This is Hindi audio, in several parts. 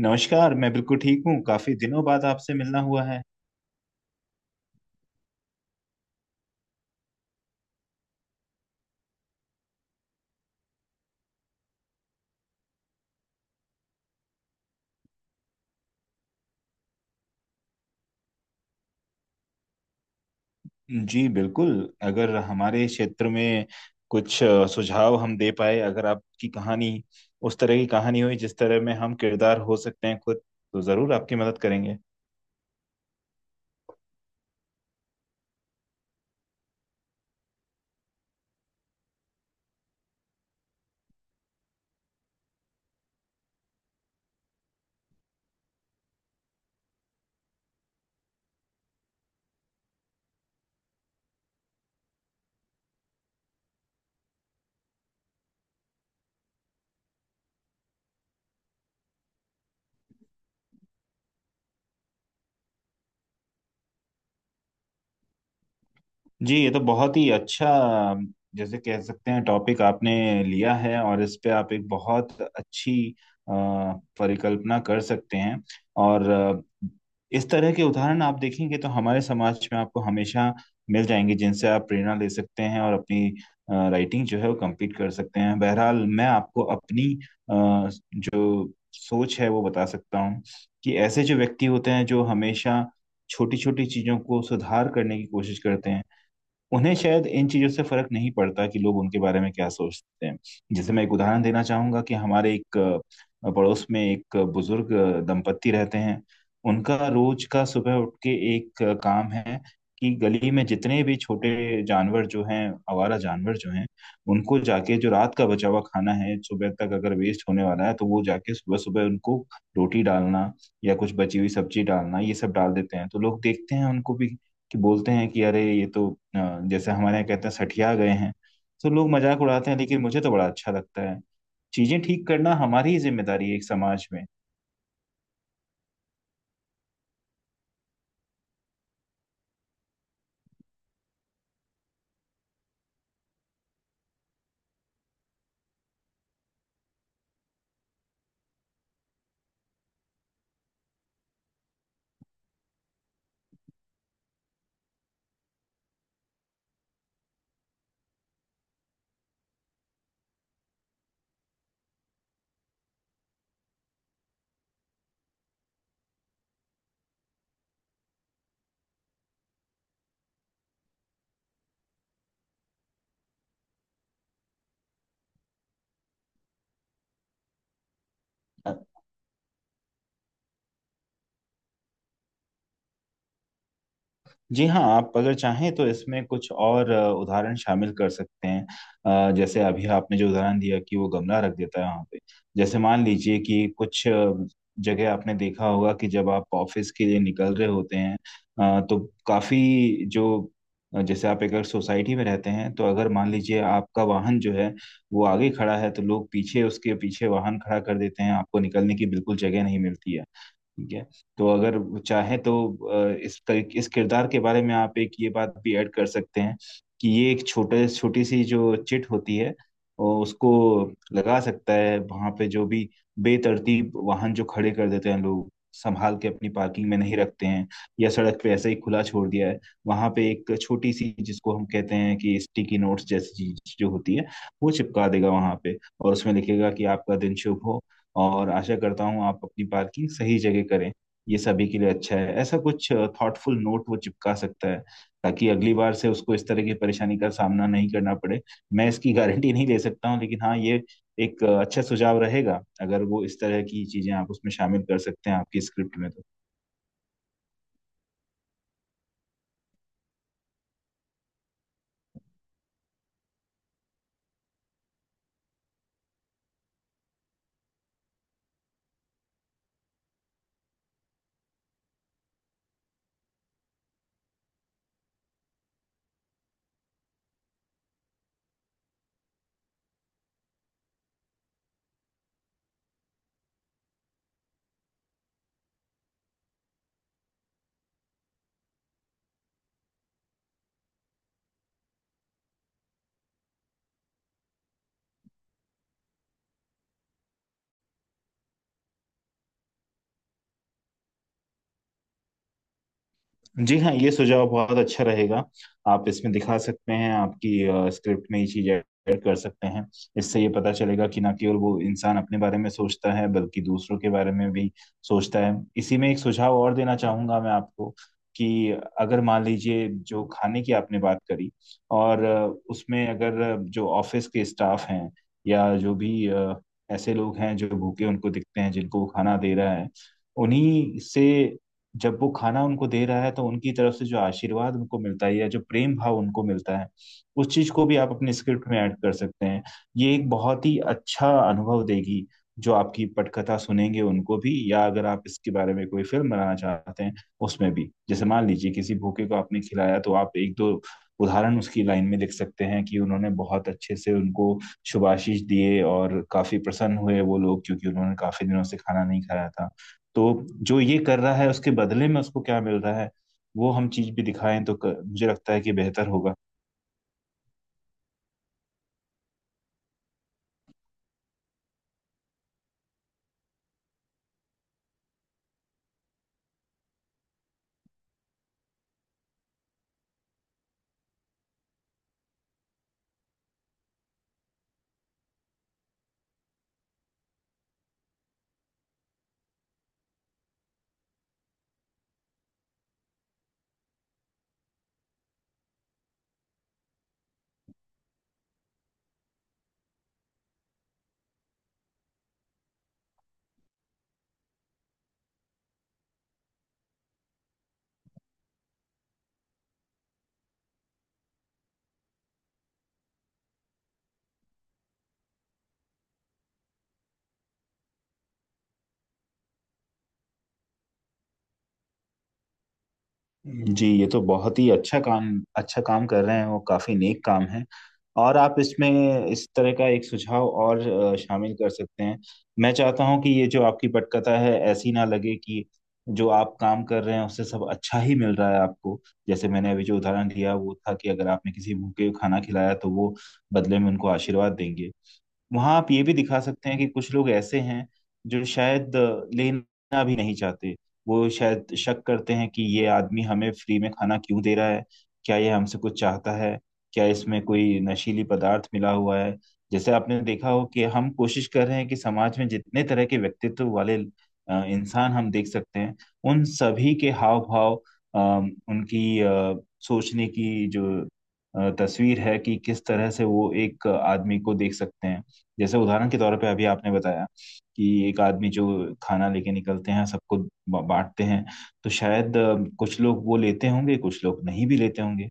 नमस्कार। मैं बिल्कुल ठीक हूँ, काफी दिनों बाद आपसे मिलना हुआ है। जी बिल्कुल, अगर हमारे क्षेत्र में कुछ सुझाव हम दे पाए, अगर आपकी कहानी उस तरह की कहानी हुई जिस तरह में हम किरदार हो सकते हैं खुद, तो जरूर आपकी मदद करेंगे। जी ये तो बहुत ही अच्छा जैसे कह सकते हैं टॉपिक आपने लिया है, और इस पे आप एक बहुत अच्छी अ, परिकल्पना कर सकते हैं। और इस तरह के उदाहरण आप देखेंगे तो हमारे समाज में आपको हमेशा मिल जाएंगे, जिनसे आप प्रेरणा ले सकते हैं और अपनी राइटिंग जो है वो कंप्लीट कर सकते हैं। बहरहाल मैं आपको अपनी अ, जो सोच है वो बता सकता हूँ कि ऐसे जो व्यक्ति होते हैं जो हमेशा छोटी छोटी चीजों को सुधार करने की कोशिश करते हैं, उन्हें शायद इन चीज़ों से फ़र्क नहीं पड़ता कि लोग उनके बारे में क्या सोचते हैं। जैसे मैं एक उदाहरण देना चाहूँगा कि हमारे एक पड़ोस में एक बुज़ुर्ग दंपत्ति रहते हैं। उनका रोज़ का सुबह उठ के एक काम है कि गली में जितने भी छोटे जानवर जो हैं, आवारा जानवर जो हैं, उनको जाके जो रात का बचा हुआ खाना है, सुबह तक अगर वेस्ट होने वाला है, तो वो जाके सुबह-सुबह उनको रोटी डालना या कुछ बची हुई सब्ज़ी डालना, ये सब डाल देते हैं। तो लोग देखते हैं उनको भी, कि बोलते हैं कि अरे ये तो अ, जैसे हमारे यहाँ कहते हैं सठिया गए हैं। तो लोग मजाक उड़ाते हैं, लेकिन मुझे तो बड़ा अच्छा लगता है। चीजें ठीक करना हमारी ही जिम्मेदारी है एक समाज में। जी हाँ, आप अगर चाहें तो इसमें कुछ और उदाहरण शामिल कर सकते हैं। जैसे अभी आपने जो उदाहरण दिया कि वो गमला रख देता है वहाँ पे, जैसे मान लीजिए कि कुछ जगह आपने देखा होगा कि जब आप ऑफिस के लिए निकल रहे होते हैं, तो काफी जो जैसे आप एक अगर सोसाइटी में रहते हैं, तो अगर मान लीजिए आपका वाहन जो है वो आगे खड़ा है, तो लोग पीछे उसके पीछे वाहन खड़ा कर देते हैं, आपको निकलने की बिल्कुल जगह नहीं मिलती है। ठीक है, तो अगर चाहे तो इस तरीके इस किरदार के बारे में आप एक ये बात भी ऐड कर सकते हैं कि ये एक छोटे छोटी सी जो चिट होती है, और उसको लगा सकता है वहां पे जो भी बेतरतीब वाहन जो खड़े कर देते हैं लोग, संभाल के अपनी पार्किंग में नहीं रखते हैं या सड़क पे ऐसे ही खुला छोड़ दिया है, वहां पे एक छोटी सी जिसको हम कहते हैं कि स्टिकी नोट्स जैसी चीज जो होती है, वो चिपका देगा वहां पे और उसमें लिखेगा कि आपका दिन शुभ हो और आशा करता हूँ आप अपनी पार्किंग सही जगह करें, ये सभी के लिए अच्छा है, ऐसा कुछ थॉटफुल नोट वो चिपका सकता है ताकि अगली बार से उसको इस तरह की परेशानी का सामना नहीं करना पड़े। मैं इसकी गारंटी नहीं ले सकता हूँ, लेकिन हाँ, ये एक अच्छा सुझाव रहेगा अगर वो इस तरह की चीजें आप उसमें शामिल कर सकते हैं आपकी स्क्रिप्ट में तो। जी हाँ, ये सुझाव बहुत अच्छा रहेगा। आप इसमें दिखा सकते हैं, आपकी स्क्रिप्ट में ये चीज ऐड कर सकते हैं। इससे ये पता चलेगा कि ना केवल वो इंसान अपने बारे में सोचता है बल्कि दूसरों के बारे में भी सोचता है। इसी में एक सुझाव और देना चाहूंगा मैं आपको कि अगर मान लीजिए जो खाने की आपने बात करी, और उसमें अगर जो ऑफिस के स्टाफ हैं या जो भी ऐसे लोग हैं जो भूखे उनको दिखते हैं जिनको वो खाना दे रहा है, उन्हीं से जब वो खाना उनको दे रहा है तो उनकी तरफ से जो आशीर्वाद उनको मिलता है या जो प्रेम भाव उनको मिलता है, उस चीज को भी आप अपने स्क्रिप्ट में ऐड कर सकते हैं। ये एक बहुत ही अच्छा अनुभव देगी जो आपकी पटकथा सुनेंगे उनको भी, या अगर आप इसके बारे में कोई फिल्म बनाना चाहते हैं उसमें भी। जैसे मान लीजिए किसी भूखे को आपने खिलाया, तो आप एक दो उदाहरण उसकी लाइन में लिख सकते हैं कि उन्होंने बहुत अच्छे से उनको शुभाशीष दिए और काफी प्रसन्न हुए वो लोग, क्योंकि उन्होंने काफी दिनों से खाना नहीं खाया था। तो जो ये कर रहा है उसके बदले में उसको क्या मिल रहा है, वो हम चीज भी दिखाएं तो मुझे लगता है कि बेहतर होगा। जी ये तो बहुत ही अच्छा काम, अच्छा काम कर रहे हैं वो, काफी नेक काम है। और आप इसमें इस तरह का एक सुझाव और शामिल कर सकते हैं। मैं चाहता हूं कि ये जो आपकी पटकथा है ऐसी ना लगे कि जो आप काम कर रहे हैं उससे सब अच्छा ही मिल रहा है आपको। जैसे मैंने अभी जो उदाहरण दिया वो था कि अगर आपने किसी भूखे को खाना खिलाया तो वो बदले में उनको आशीर्वाद देंगे। वहां आप ये भी दिखा सकते हैं कि कुछ लोग ऐसे हैं जो शायद लेना भी नहीं चाहते, वो शायद शक करते हैं कि ये आदमी हमें फ्री में खाना क्यों दे रहा है, क्या ये हमसे कुछ चाहता है, क्या इसमें कोई नशीली पदार्थ मिला हुआ है। जैसे आपने देखा हो कि हम कोशिश कर रहे हैं कि समाज में जितने तरह के व्यक्तित्व वाले इंसान हम देख सकते हैं, उन सभी के हाव भाव, उनकी सोचने की जो तस्वीर है कि किस तरह से वो एक आदमी को देख सकते हैं। जैसे उदाहरण के तौर पे अभी आपने बताया कि एक आदमी जो खाना लेके निकलते हैं सबको बांटते हैं, तो शायद कुछ लोग वो लेते होंगे, कुछ लोग नहीं भी लेते होंगे।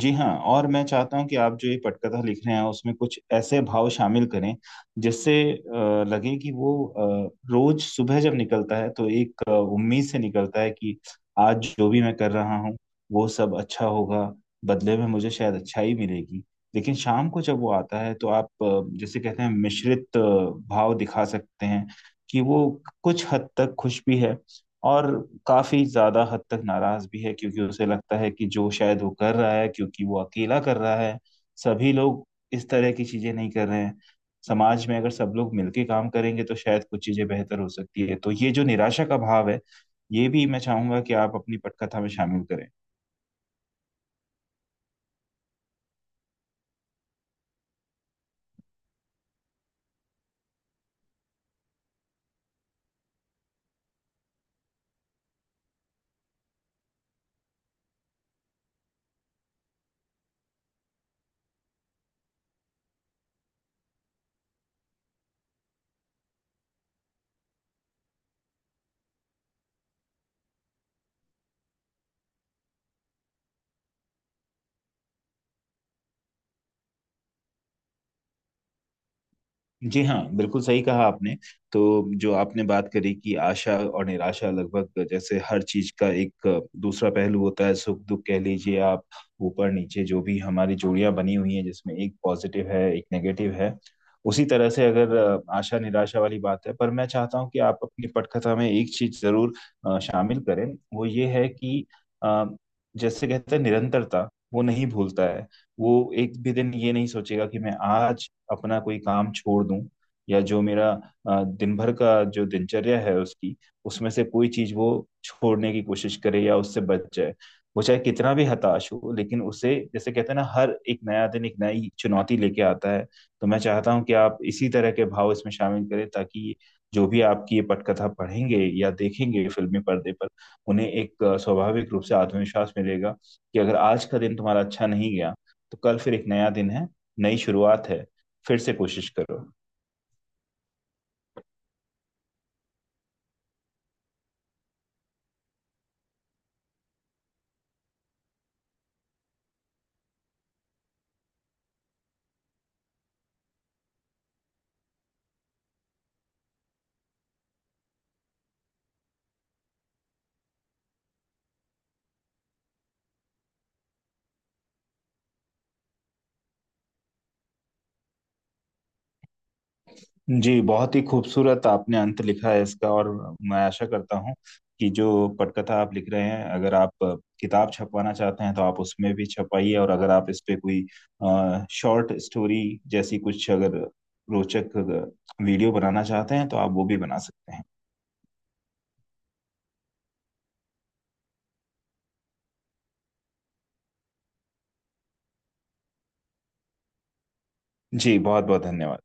जी हाँ, और मैं चाहता हूँ कि आप जो ये पटकथा लिख रहे हैं उसमें कुछ ऐसे भाव शामिल करें जिससे लगे कि वो रोज सुबह जब निकलता है तो एक उम्मीद से निकलता है कि आज जो भी मैं कर रहा हूँ वो सब अच्छा होगा, बदले में मुझे शायद अच्छाई मिलेगी। लेकिन शाम को जब वो आता है तो आप जैसे कहते हैं मिश्रित भाव दिखा सकते हैं कि वो कुछ हद तक खुश भी है, और काफी ज्यादा हद तक नाराज भी है, क्योंकि उसे लगता है कि जो शायद वो कर रहा है क्योंकि वो अकेला कर रहा है, सभी लोग इस तरह की चीजें नहीं कर रहे हैं। समाज में अगर सब लोग मिलके काम करेंगे तो शायद कुछ चीजें बेहतर हो सकती है, तो ये जो निराशा का भाव है ये भी मैं चाहूंगा कि आप अपनी पटकथा में शामिल करें। जी हाँ, बिल्कुल सही कहा आपने। तो जो आपने बात करी कि आशा और निराशा, लगभग जैसे हर चीज का एक दूसरा पहलू होता है, सुख दुख कह लीजिए आप, ऊपर नीचे, जो भी हमारी जोड़ियां बनी हुई हैं जिसमें एक पॉजिटिव है एक नेगेटिव है, उसी तरह से अगर आशा निराशा वाली बात है। पर मैं चाहता हूँ कि आप अपनी पटकथा में एक चीज जरूर शामिल करें, वो ये है कि अ, जैसे कहते हैं निरंतरता, वो नहीं भूलता है, वो एक भी दिन ये नहीं सोचेगा कि मैं आज अपना कोई काम छोड़ दूं या जो मेरा दिन भर का जो दिनचर्या है उसकी, उसमें से कोई चीज वो छोड़ने की कोशिश करे या उससे बच जाए। वो चाहे कितना भी हताश हो, लेकिन उसे जैसे कहते हैं ना हर एक नया दिन एक नई चुनौती लेके आता है। तो मैं चाहता हूं कि आप इसी तरह के भाव इसमें शामिल करें, ताकि जो भी आपकी ये पटकथा पढ़ेंगे या देखेंगे फिल्मी पर्दे पर, उन्हें एक स्वाभाविक रूप से आत्मविश्वास मिलेगा कि अगर आज का दिन तुम्हारा अच्छा नहीं गया तो कल फिर एक नया दिन है, नई शुरुआत है, फिर से कोशिश करो। जी बहुत ही खूबसूरत आपने अंत लिखा है इसका, और मैं आशा करता हूँ कि जो पटकथा आप लिख रहे हैं, अगर आप किताब छपवाना चाहते हैं तो आप उसमें भी छपाइए, और अगर आप इस पे कोई शॉर्ट स्टोरी जैसी कुछ अगर रोचक वीडियो बनाना चाहते हैं तो आप वो भी बना सकते हैं। जी बहुत बहुत धन्यवाद।